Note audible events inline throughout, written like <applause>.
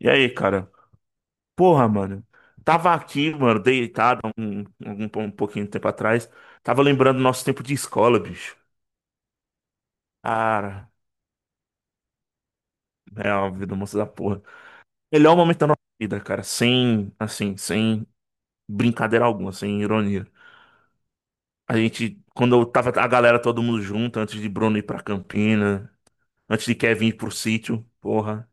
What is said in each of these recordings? E aí, cara? Porra, mano. Tava aqui, mano, deitado um pouquinho de tempo atrás. Tava lembrando do nosso tempo de escola, bicho. Cara, é uma vida moça da porra. Melhor momento da nossa vida, cara. Sem, assim, sem brincadeira alguma, sem ironia. A gente, quando eu tava a galera todo mundo junto, antes de Bruno ir pra Campina, antes de Kevin ir pro sítio, porra.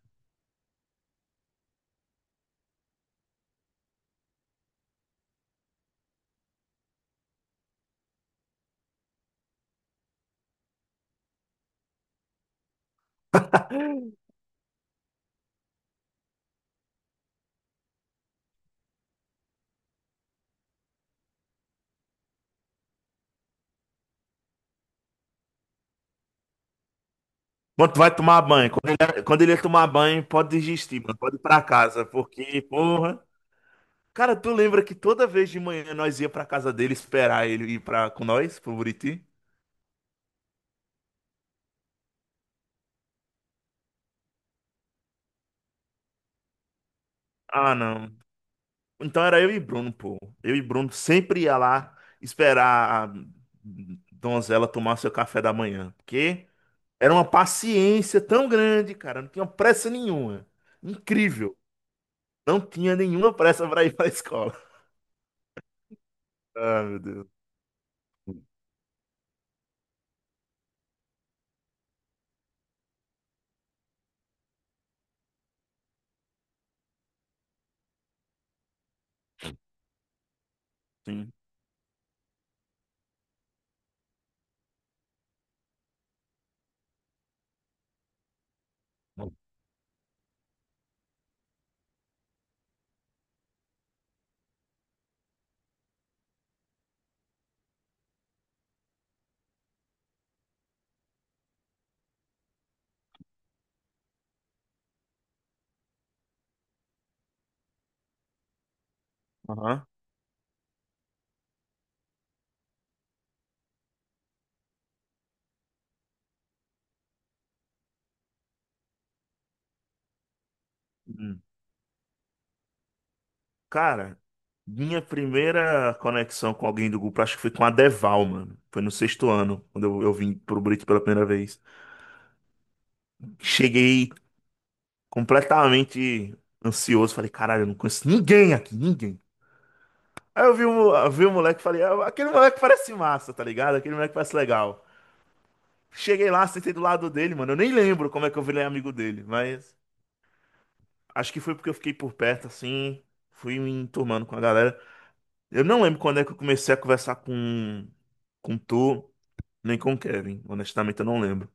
Quando tu vai tomar banho? Quando ele ia tomar banho, pode desistir, mano. Pode ir pra casa, porque, porra. Cara, tu lembra que toda vez de manhã nós ia pra casa dele esperar ele ir pra, com nós, pro Buriti? Ah, não. Então era eu e Bruno, pô. Eu e Bruno sempre ia lá esperar a donzela tomar seu café da manhã. Porque era uma paciência tão grande, cara. Não tinha pressa nenhuma. Incrível. Não tinha nenhuma pressa pra ir pra escola. Ah, meu Deus. Sim. Aham. Hum. Cara, minha primeira conexão com alguém do grupo, acho que foi com a Deval, mano. Foi no sexto ano, quando eu vim pro Brito pela primeira vez. Cheguei completamente ansioso, falei, caralho, eu não conheço ninguém aqui, ninguém. Aí eu vi o moleque e falei, "Ah, aquele moleque parece massa, tá ligado? Aquele moleque parece legal. Cheguei lá, sentei do lado dele, mano. Eu nem lembro como é que eu virei amigo dele, mas acho que foi porque eu fiquei por perto, assim, fui me enturmando com a galera. Eu não lembro quando é que eu comecei a conversar com, tu. Nem com o Kevin, honestamente eu não lembro.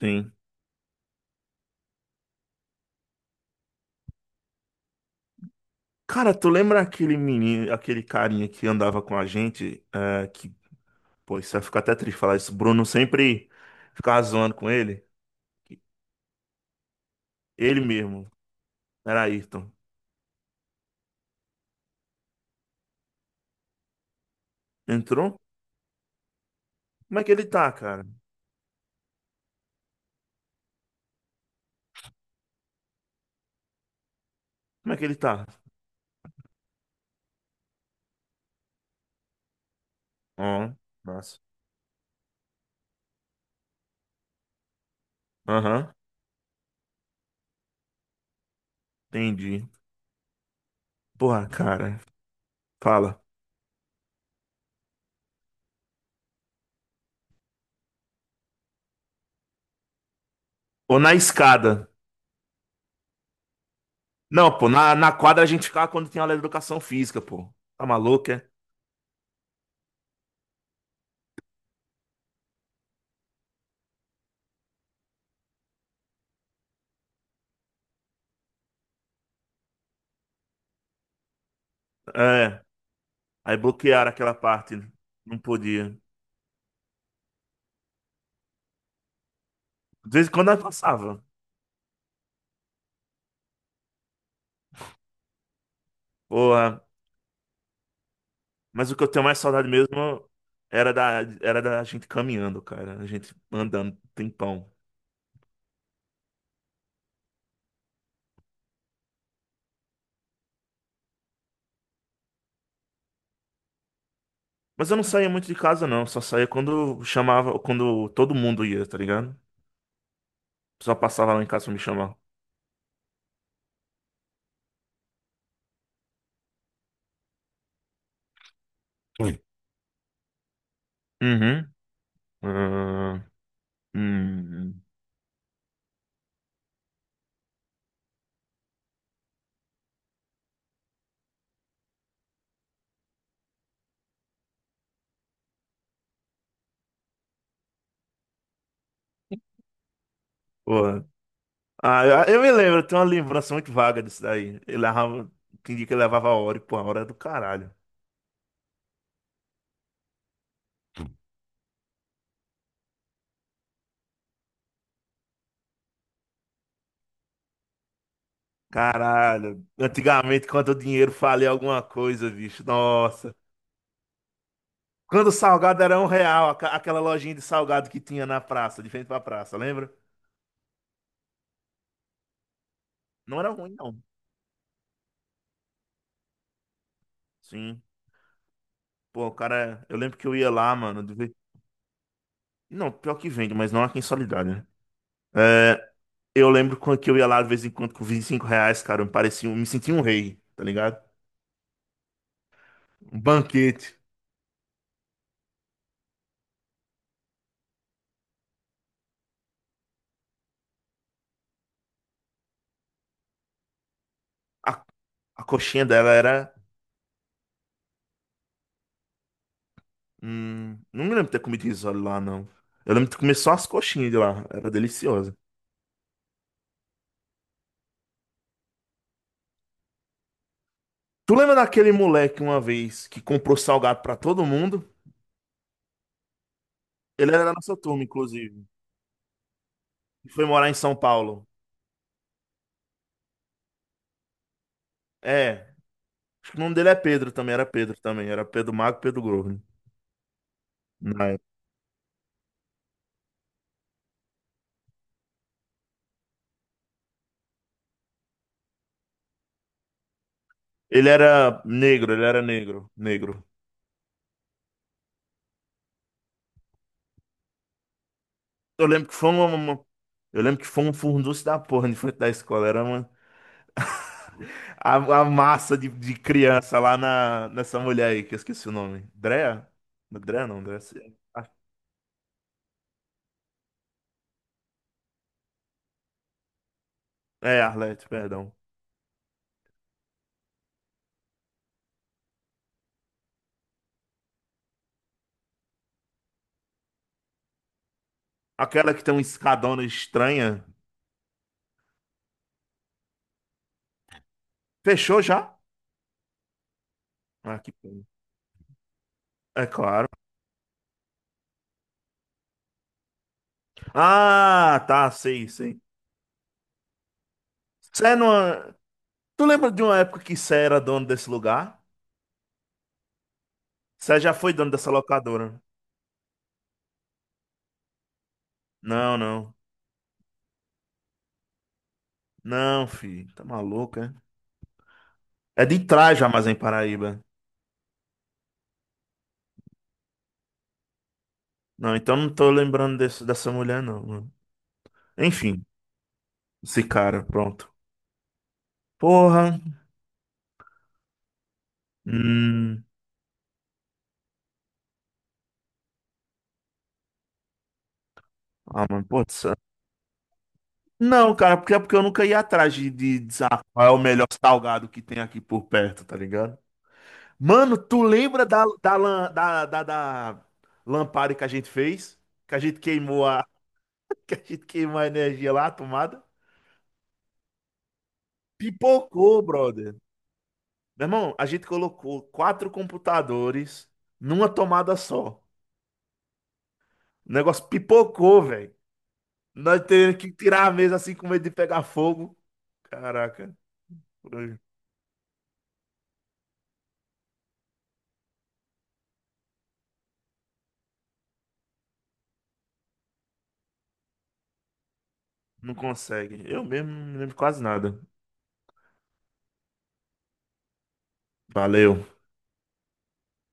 Sim. Cara, tu lembra aquele menino, aquele carinha que andava com a gente, é, que, pô, isso vai ficar até triste falar isso. Bruno sempre ficava zoando com ele. Ele mesmo, era Ayrton. Entrou? Como é que ele tá, cara? Como é que ele tá? Ó, nossa. Aham, entendi. Porra, cara, fala. Ou na escada. Não, pô, na quadra a gente ficava quando tinha aula de educação física, pô. Tá maluco, é? É. Aí bloquearam aquela parte. Não podia. De vez em quando ela passava. Porra. Mas o que eu tenho mais saudade mesmo era da gente caminhando, cara. A gente andando um tempão. Mas eu não saía muito de casa, não. Só saía quando chamava, quando todo mundo ia, tá ligado? Só passava lá em casa pra me chamar. Oi. Uhum. Ah, hum. Porra. Ah, eu me lembro, eu tenho uma lembrança muito vaga disso daí. Ele levava, tinha dia que ele levava a hora, e pô, a hora é do caralho. Caralho, antigamente quando o dinheiro valia alguma coisa, bicho, nossa. Quando o salgado era R$ 1, aquela lojinha de salgado que tinha na praça, de frente pra praça, lembra? Não era ruim, não. Sim. Pô, cara, eu lembro que eu ia lá, mano, de vez... Não, pior que vende, mas não aqui em Soledade, né? É, eu lembro quando que eu ia lá de vez em quando com R$ 25, cara, eu me parecia, me sentia um rei, tá ligado? Um banquete. A, a coxinha dela era não me lembro de ter comido risole lá, não. Eu lembro de comer só as coxinhas de lá. Era deliciosa. Tu lembra daquele moleque uma vez que comprou salgado pra todo mundo? Ele era da nossa turma, inclusive. E foi morar em São Paulo. É. Acho que o nome dele é Pedro também. Era Pedro também. Era Pedro Magro, Pedro Gordo, né? Na época. Ele era negro, ele era negro. Negro. Eu lembro que foi uma. uma- Eu lembro que foi um furdunço da porra de frente da escola. A, a massa de, criança lá nessa mulher aí, que eu esqueci o nome. Drea? Drea não, Drea. É, Arlete, perdão. Aquela que tem uma escadona estranha. Fechou já? Ah, que pena. É claro. Ah, tá, sei, sei. Sé não... Tu lembra de uma época que Sé era dono desse lugar? Sé já foi dono dessa locadora. Não, não. Não, filho. Tá maluco, é? É de trás já, mas em Paraíba. Não, então não tô lembrando desse, dessa mulher, não, mano. Enfim. Esse cara, pronto. Porra. Hum. Ah, mano, putz. Não, cara, porque é porque eu nunca ia atrás de qual é o melhor salgado que tem aqui por perto, tá ligado? Mano, tu lembra da, da, lan- da, da, da lampada que a gente fez? Que a gente queimou a, <laughs> que a gente queimou a energia lá, a tomada? Pipocou, brother. Meu irmão, a gente colocou quatro computadores numa tomada só. O negócio pipocou, velho. Nós tendo que tirar a mesa assim com medo de pegar fogo. Caraca, eu- não consegue. Eu mesmo não me lembro quase nada. Valeu.